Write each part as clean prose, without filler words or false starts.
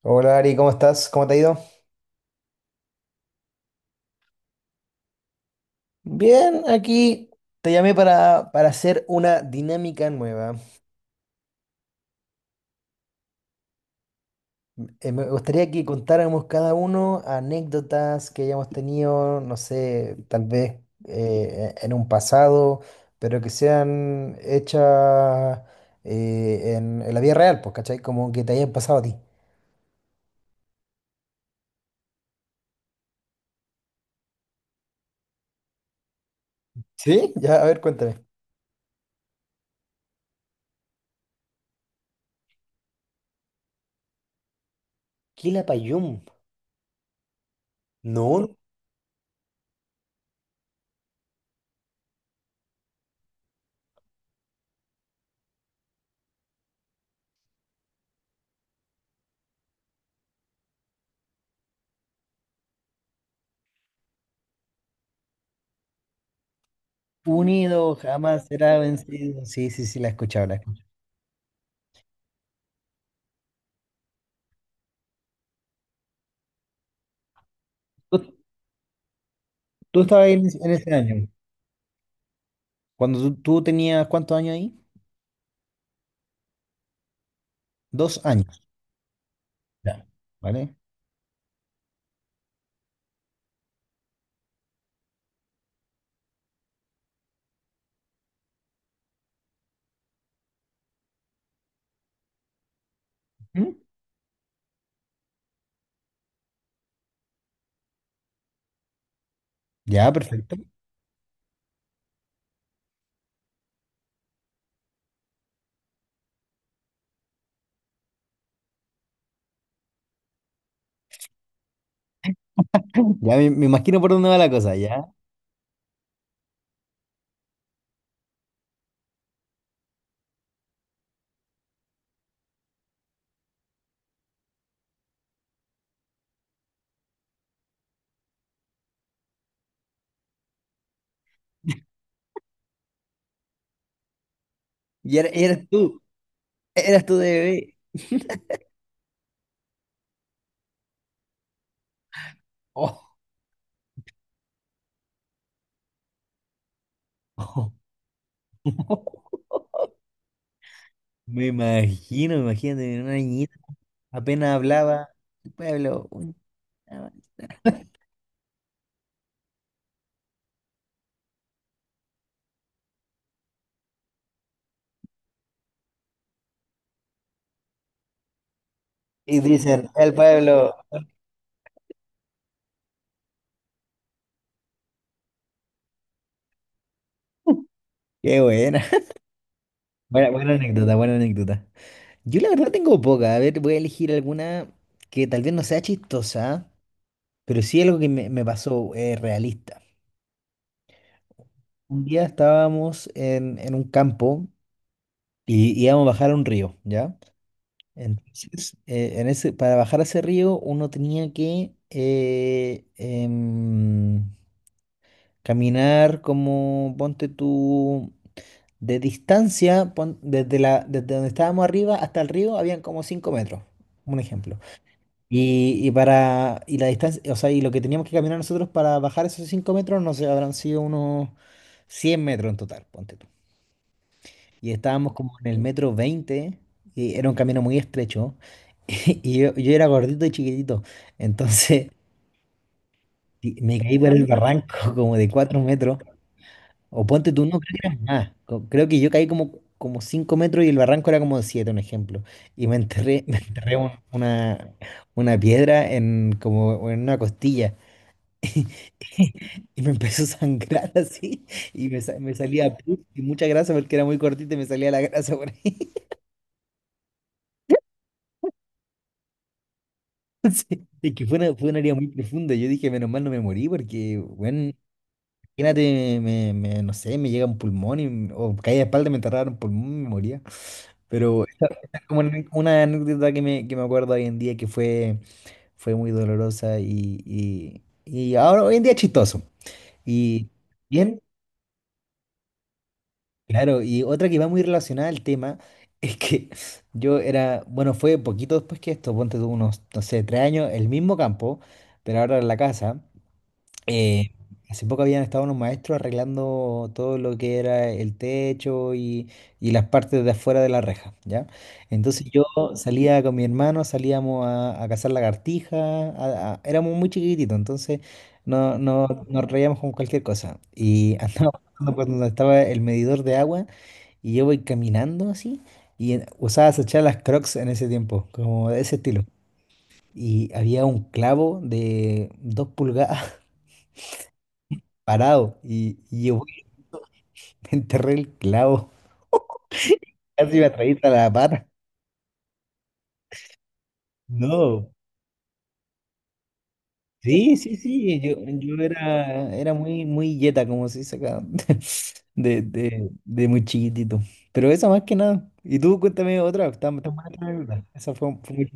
Hola Ari, ¿cómo estás? ¿Cómo te ha ido? Bien, aquí te llamé para hacer una dinámica nueva. Me gustaría que contáramos cada uno anécdotas que hayamos tenido, no sé, tal vez en un pasado, pero que sean hechas en la vida real, pues, ¿cachai? Como que te hayan pasado a ti. ¿Sí? Ya, a ver, cuéntame. Quilapayún. No. Unido jamás será vencido. Sí, sí, sí, la he escuchado. Tú estabas ahí en ese año. Cuando tú tenías, ¿cuántos años ahí? 2 años. Ya. ¿Vale? Ujú. Ya, perfecto. Ya me imagino por dónde va la cosa, ¿ya? Y eras tú, eras tú de bebé. Oh. Me imagino, imagínate, una niñita apenas hablaba. El pueblo. Y dicen, el pueblo. Qué buena. Buena, buena anécdota, buena anécdota. Yo la verdad tengo poca. A ver, voy a elegir alguna que tal vez no sea chistosa. Pero sí algo que me pasó, realista. Un día estábamos en un campo y íbamos a bajar a un río, ¿ya? Entonces, para bajar a ese río uno tenía que caminar como, ponte tú, de distancia, desde donde estábamos arriba hasta el río habían como 5 metros, un ejemplo. Y la distancia, o sea, y lo que teníamos que caminar nosotros para bajar esos 5 metros, no sé, habrán sido unos 100 metros en total, ponte tú. Y estábamos como en el metro 20 y era un camino muy estrecho, y yo era gordito y chiquitito, entonces y me caí por el barranco como de 4 metros, o ponte tú, no creo que eran más, creo que yo caí como, como 5 metros y el barranco era como de 7, un ejemplo, y me enterré, me enterré una piedra en, como en una costilla. Y me empezó a sangrar así, y me salía pus y mucha grasa porque era muy cortita y me salía la grasa por ahí. Es que fue una herida muy profunda. Yo dije, menos mal no me morí porque, bueno, imagínate, no sé, me llega un pulmón y o caí de espalda, me enterraron un pulmón y me moría. Pero esta es como una anécdota que me acuerdo hoy en día que fue, fue muy dolorosa y, y ahora hoy en día es chistoso. Y bien. Claro, y otra que va muy relacionada al tema es que yo era, bueno, fue poquito después que esto, ponte tú unos, no sé, 3 años, el mismo campo, pero ahora en la casa. eh, hace poco habían estado unos maestros arreglando todo lo que era el techo y las partes de afuera de la reja, ¿ya? Entonces yo salía con mi hermano, salíamos a cazar lagartijas, éramos muy chiquititos, entonces no, no, nos reíamos con cualquier cosa. Y andábamos cuando estaba el medidor de agua. Y yo voy caminando así. Y usaba echar las Crocs en ese tiempo, como de ese estilo. Y había un clavo de 2 pulgadas parado. Y yo voy, me enterré el clavo. Casi me atraviesa la pata. No. Sí, sí, sí. Yo era, era muy, muy yeta, como se dice acá. De muy chiquitito. Pero esa más que nada. Y tú cuéntame otra. Está, está buena tu anécdota. Esa fue, fue muy...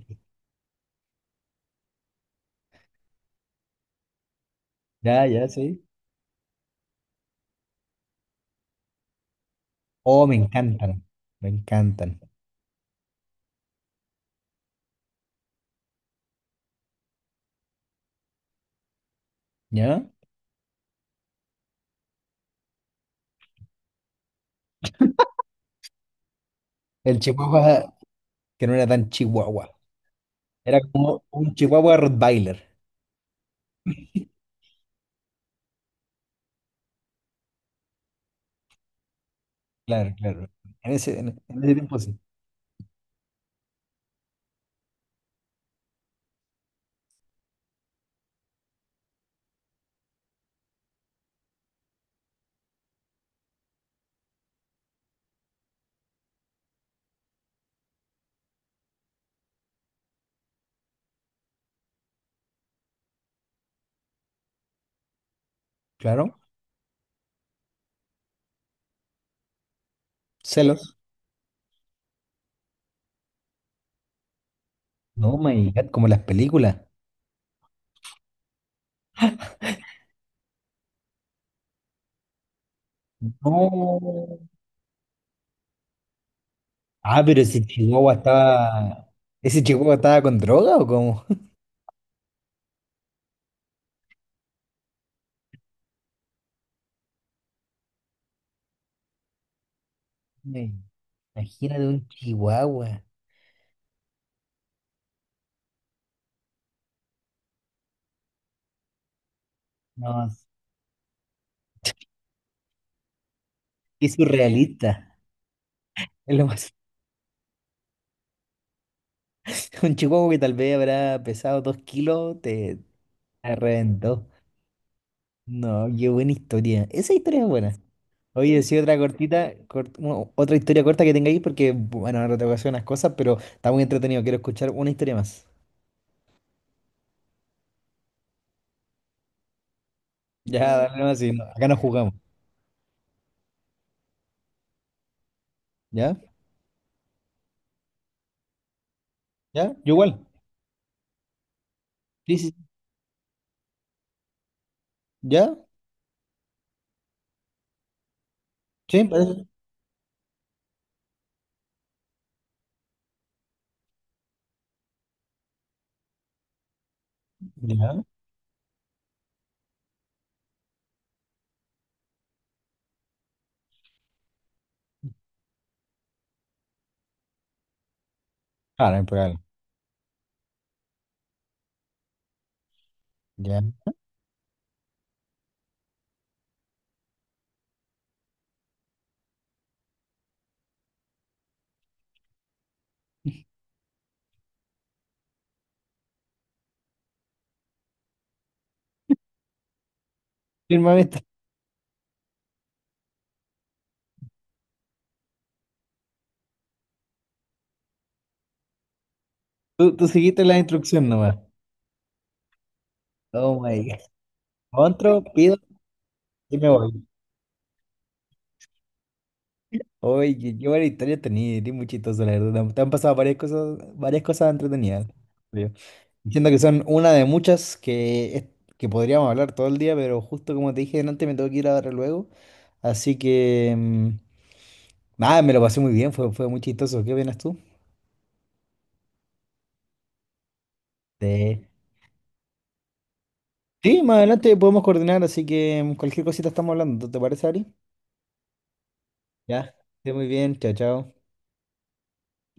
Ya, ya, sí. Oh, me encantan, me encantan. ¿Ya? El chihuahua que no era tan chihuahua, era como un chihuahua Rottweiler. Claro, claro. En ese tiempo sí. Claro. Celos. No, my God, como las películas. No. Ah, pero ese chihuahua estaba. ¿Ese chihuahua estaba con droga o cómo? Me- Imagínate un chihuahua. No, es surrealista. Es lo más. Un chihuahua que tal vez habrá pesado 2 kilos, te reventó. No, qué buena historia. Esa historia es buena. Oye. Sí, sí, otra cortita, bueno, otra historia corta que tengáis, porque, bueno, ahora te voy a hacer unas cosas, pero está muy entretenido. Quiero escuchar una historia más. Ya, dale más, sí, no, acá nos jugamos. ¿Ya? ¿Ya? Yo igual. Sí, sí. ¿Ya? Sí, parece. Ya. Claro, impecable. Ya. Firma esta. Tú seguiste la instrucción nomás. Oh my God. Otro, pido y me voy. Oye, qué buena historia tenía, eres muy chistoso, la verdad. Te han pasado varias cosas entretenidas. Siento que son una de muchas que podríamos hablar todo el día, pero justo como te dije antes, me tengo que ir ahora luego. Así que, nada, me lo pasé muy bien, fue, fue muy chistoso. ¿Qué opinas tú? Sí. Sí, más adelante podemos coordinar, así que cualquier cosita estamos hablando. ¿Te parece, Ari? Ya, esté muy bien, chao, chao.